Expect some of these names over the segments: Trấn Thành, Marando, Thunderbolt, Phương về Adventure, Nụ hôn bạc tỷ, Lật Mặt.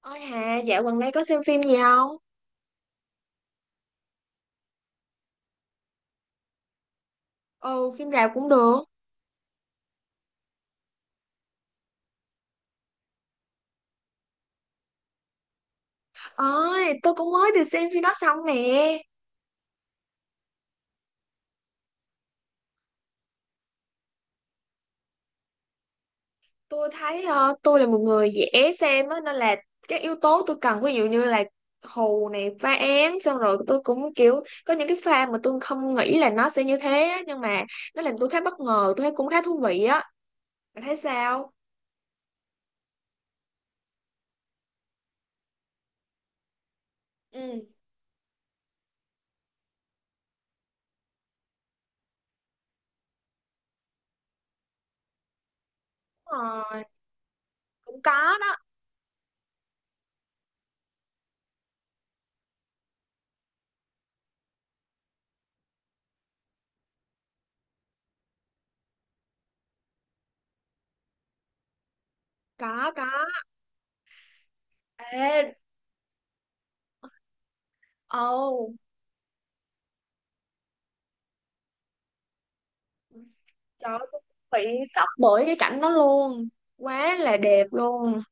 Ôi Hà, dạo gần đây có xem phim gì không? Ừ, phim rạp cũng được. Ôi, tôi cũng mới được xem phim đó xong nè. Tôi thấy tôi là một người dễ xem á, nên là các yếu tố tôi cần, ví dụ như là hù này, phá án, xong rồi tôi cũng kiểu có những cái pha mà tôi không nghĩ là nó sẽ như thế á, nhưng mà nó làm tôi khá bất ngờ, tôi thấy cũng khá thú vị á. Bạn thấy sao? Ừ, đúng rồi, cũng có đó. Có, có. Ê, ồ. Trời ơi, tôi bị sốc bởi cái cảnh đó luôn. Quá là đẹp luôn.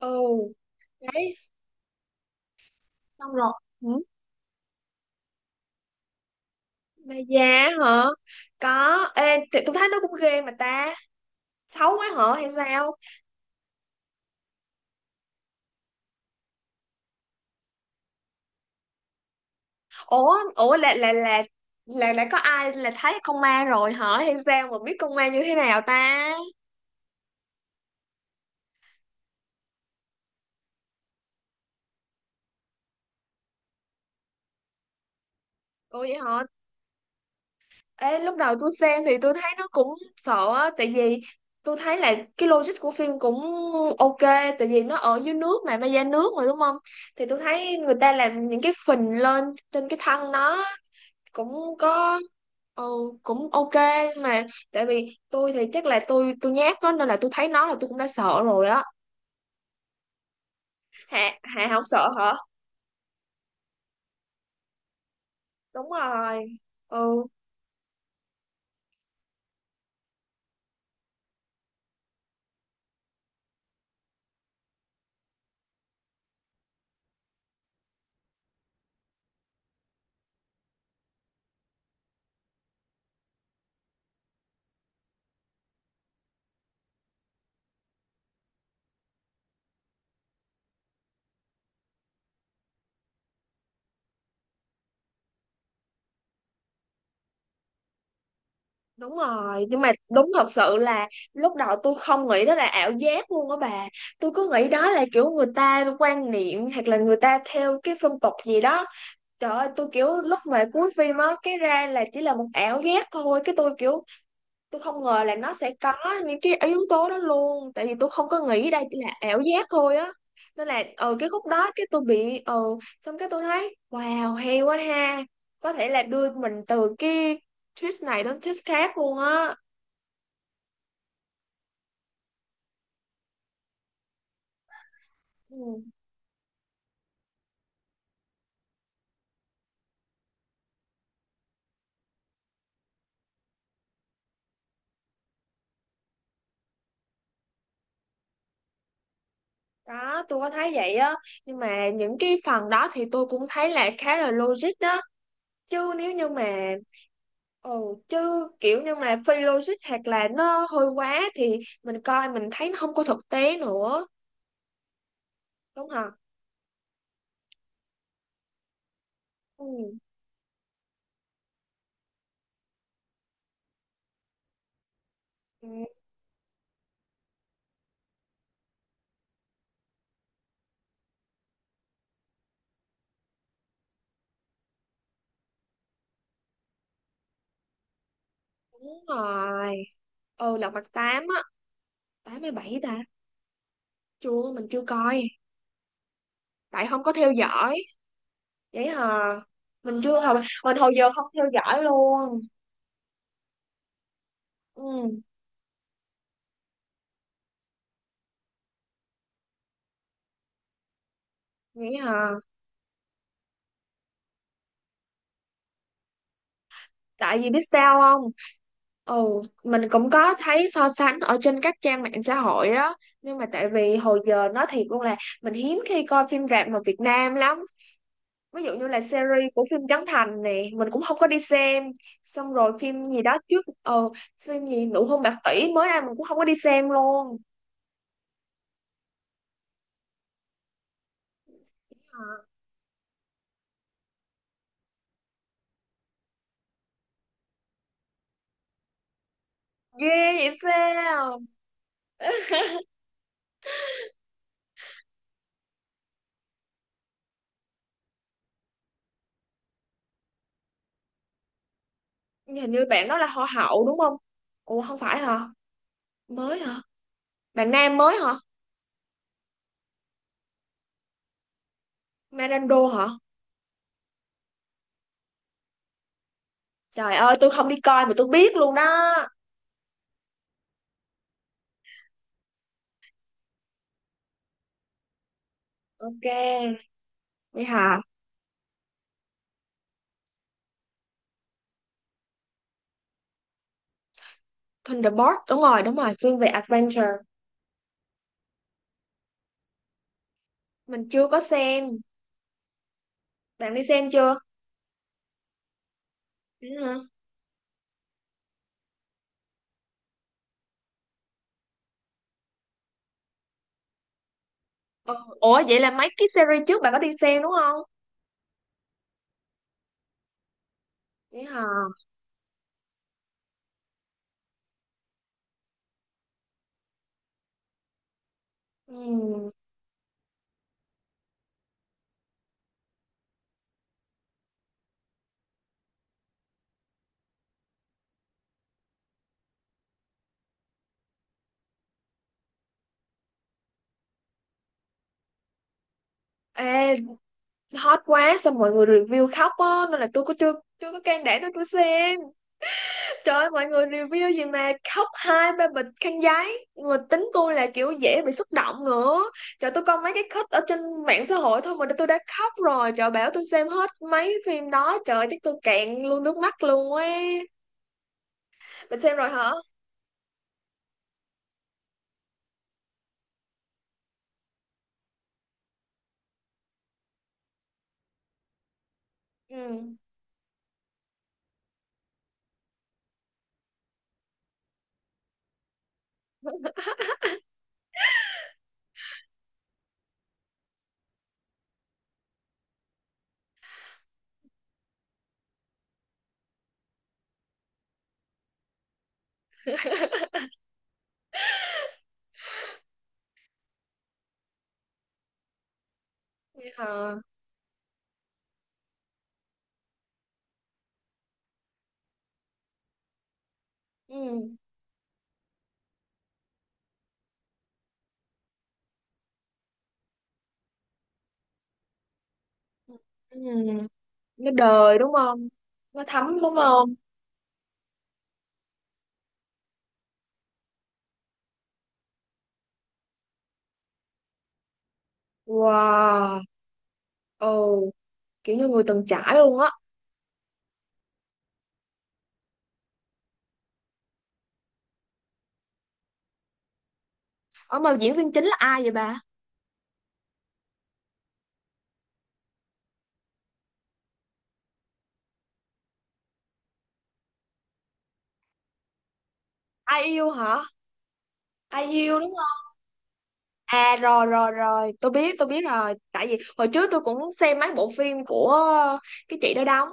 Ừ, đấy, xong rồi. Ừ. Mà già hả? Có. Ê, thì tôi thấy nó cũng ghê mà ta. Xấu quá hả hay sao? Ủa, ủa là là đã có ai là thấy con ma rồi hả hay sao mà biết con ma như thế nào ta? Ủa vậy hả? Ê, lúc đầu tôi xem thì tôi thấy nó cũng sợ á, tại vì tôi thấy là cái logic của phim cũng ok, tại vì nó ở dưới nước mà, ma da nước mà đúng không? Thì tôi thấy người ta làm những cái phình lên trên cái thân nó cũng có ừ, cũng ok mà tại vì tôi thì chắc là tôi nhát đó nên là tôi thấy nó là tôi cũng đã sợ rồi đó. Hạ Hạ không sợ hả? Đúng rồi. Ừ. Đúng rồi nhưng mà đúng thật sự là lúc đầu tôi không nghĩ đó là ảo giác luôn á bà, tôi cứ nghĩ đó là kiểu người ta quan niệm hoặc là người ta theo cái phong tục gì đó. Trời ơi tôi kiểu lúc mà cuối phim á cái ra là chỉ là một ảo giác thôi cái tôi kiểu tôi không ngờ là nó sẽ có những cái yếu tố đó luôn, tại vì tôi không có nghĩ đây chỉ là ảo giác thôi á, nên là cái khúc đó cái tôi bị xong cái tôi thấy wow hay quá ha, có thể là đưa mình từ cái twist này đến twist khác luôn á. Ừ, đó, tôi có thấy vậy á nhưng mà những cái phần đó thì tôi cũng thấy là khá là logic đó, chứ nếu như mà ồ chứ kiểu như mà phi logic hoặc là nó hơi quá thì mình coi mình thấy nó không có thực tế nữa đúng không. ừ, ừ, Đúng rồi. Ừ Lật Mặt Tám á. 87 ta? Chưa, mình chưa coi, tại không có theo dõi. Vậy hả? Mình chưa, hồi mình hồi giờ không theo dõi luôn. Ừ. Vậy hả? Tại vì biết sao không? Ồ, mình cũng có thấy so sánh ở trên các trang mạng xã hội á, nhưng mà tại vì hồi giờ nói thiệt luôn là mình hiếm khi coi phim rạp mà Việt Nam lắm, ví dụ như là series của phim Trấn Thành nè mình cũng không có đi xem, xong rồi phim gì đó trước phim gì Nụ hôn bạc tỷ mới ra mình cũng không có đi xem luôn. À, ghê vậy sao? Hình như bạn đó là họ Hậu đúng không? Ủa không phải hả? Mới hả? Bạn Nam mới hả? Marando hả? Trời ơi, tôi không đi coi mà tôi biết luôn đó. Ok, vậy hả? Thunderbolt, đúng rồi, Phương về Adventure. Mình chưa có xem. Bạn đi xem chưa? Vậy hả? Ờ, ủa, vậy là mấy cái series trước bạn có đi xem đúng không? Vậy hả? Ừ. Ê, hot quá, xong mọi người review khóc á, nên là tôi có chưa, chưa có can đảm để tôi xem. Trời ơi, mọi người review gì mà khóc hai ba bịch khăn giấy mà tính tôi là kiểu dễ bị xúc động nữa, trời tôi coi mấy cái cut ở trên mạng xã hội thôi mà tôi đã khóc rồi, trời bảo tôi xem hết mấy phim đó trời chắc tôi cạn luôn nước mắt luôn ấy. Bạn xem rồi hả? Ừ. Vậy hả? ừ ừ nó đời đúng không? Nó thấm đúng không? Wow, ồ, kiểu như người từng trải luôn á. Ở mà diễn viên chính là ai vậy bà? Ai yêu hả? Ai yêu đúng. À rồi rồi rồi, tôi biết rồi, tại vì hồi trước tôi cũng xem mấy bộ phim của cái chị đó đóng.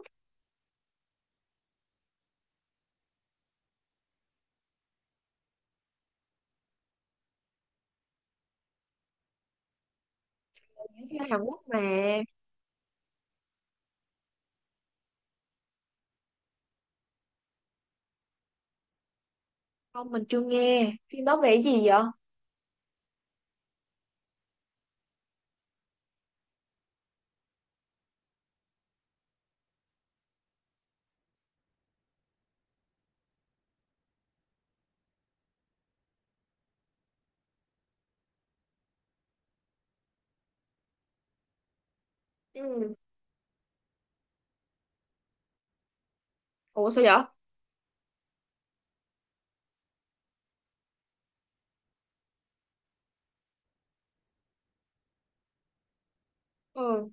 Phim Hàn Quốc mà. Không, mình chưa nghe. Phim đó về cái gì vậy? Ừ. Ủa sao vậy? Ừ.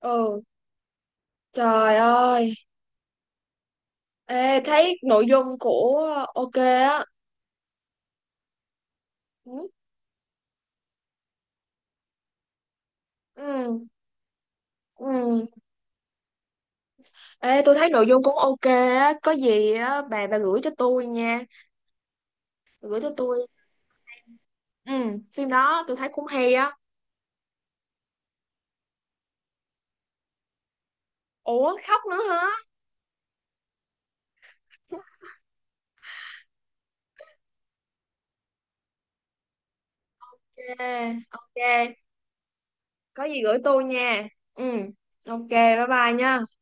Ừ. Trời ơi. Ê thấy nội dung của ok á. Ừ. Ừ. Ừ. Ê tôi thấy nội dung cũng ok á, có gì á bà gửi cho tôi nha, bà gửi cho tôi. Ừ, phim đó tôi thấy cũng hay á. Ủa khóc nữa hả? Ok. Ok. Có gì gửi tôi nha. Ừ, ok bye bye nha.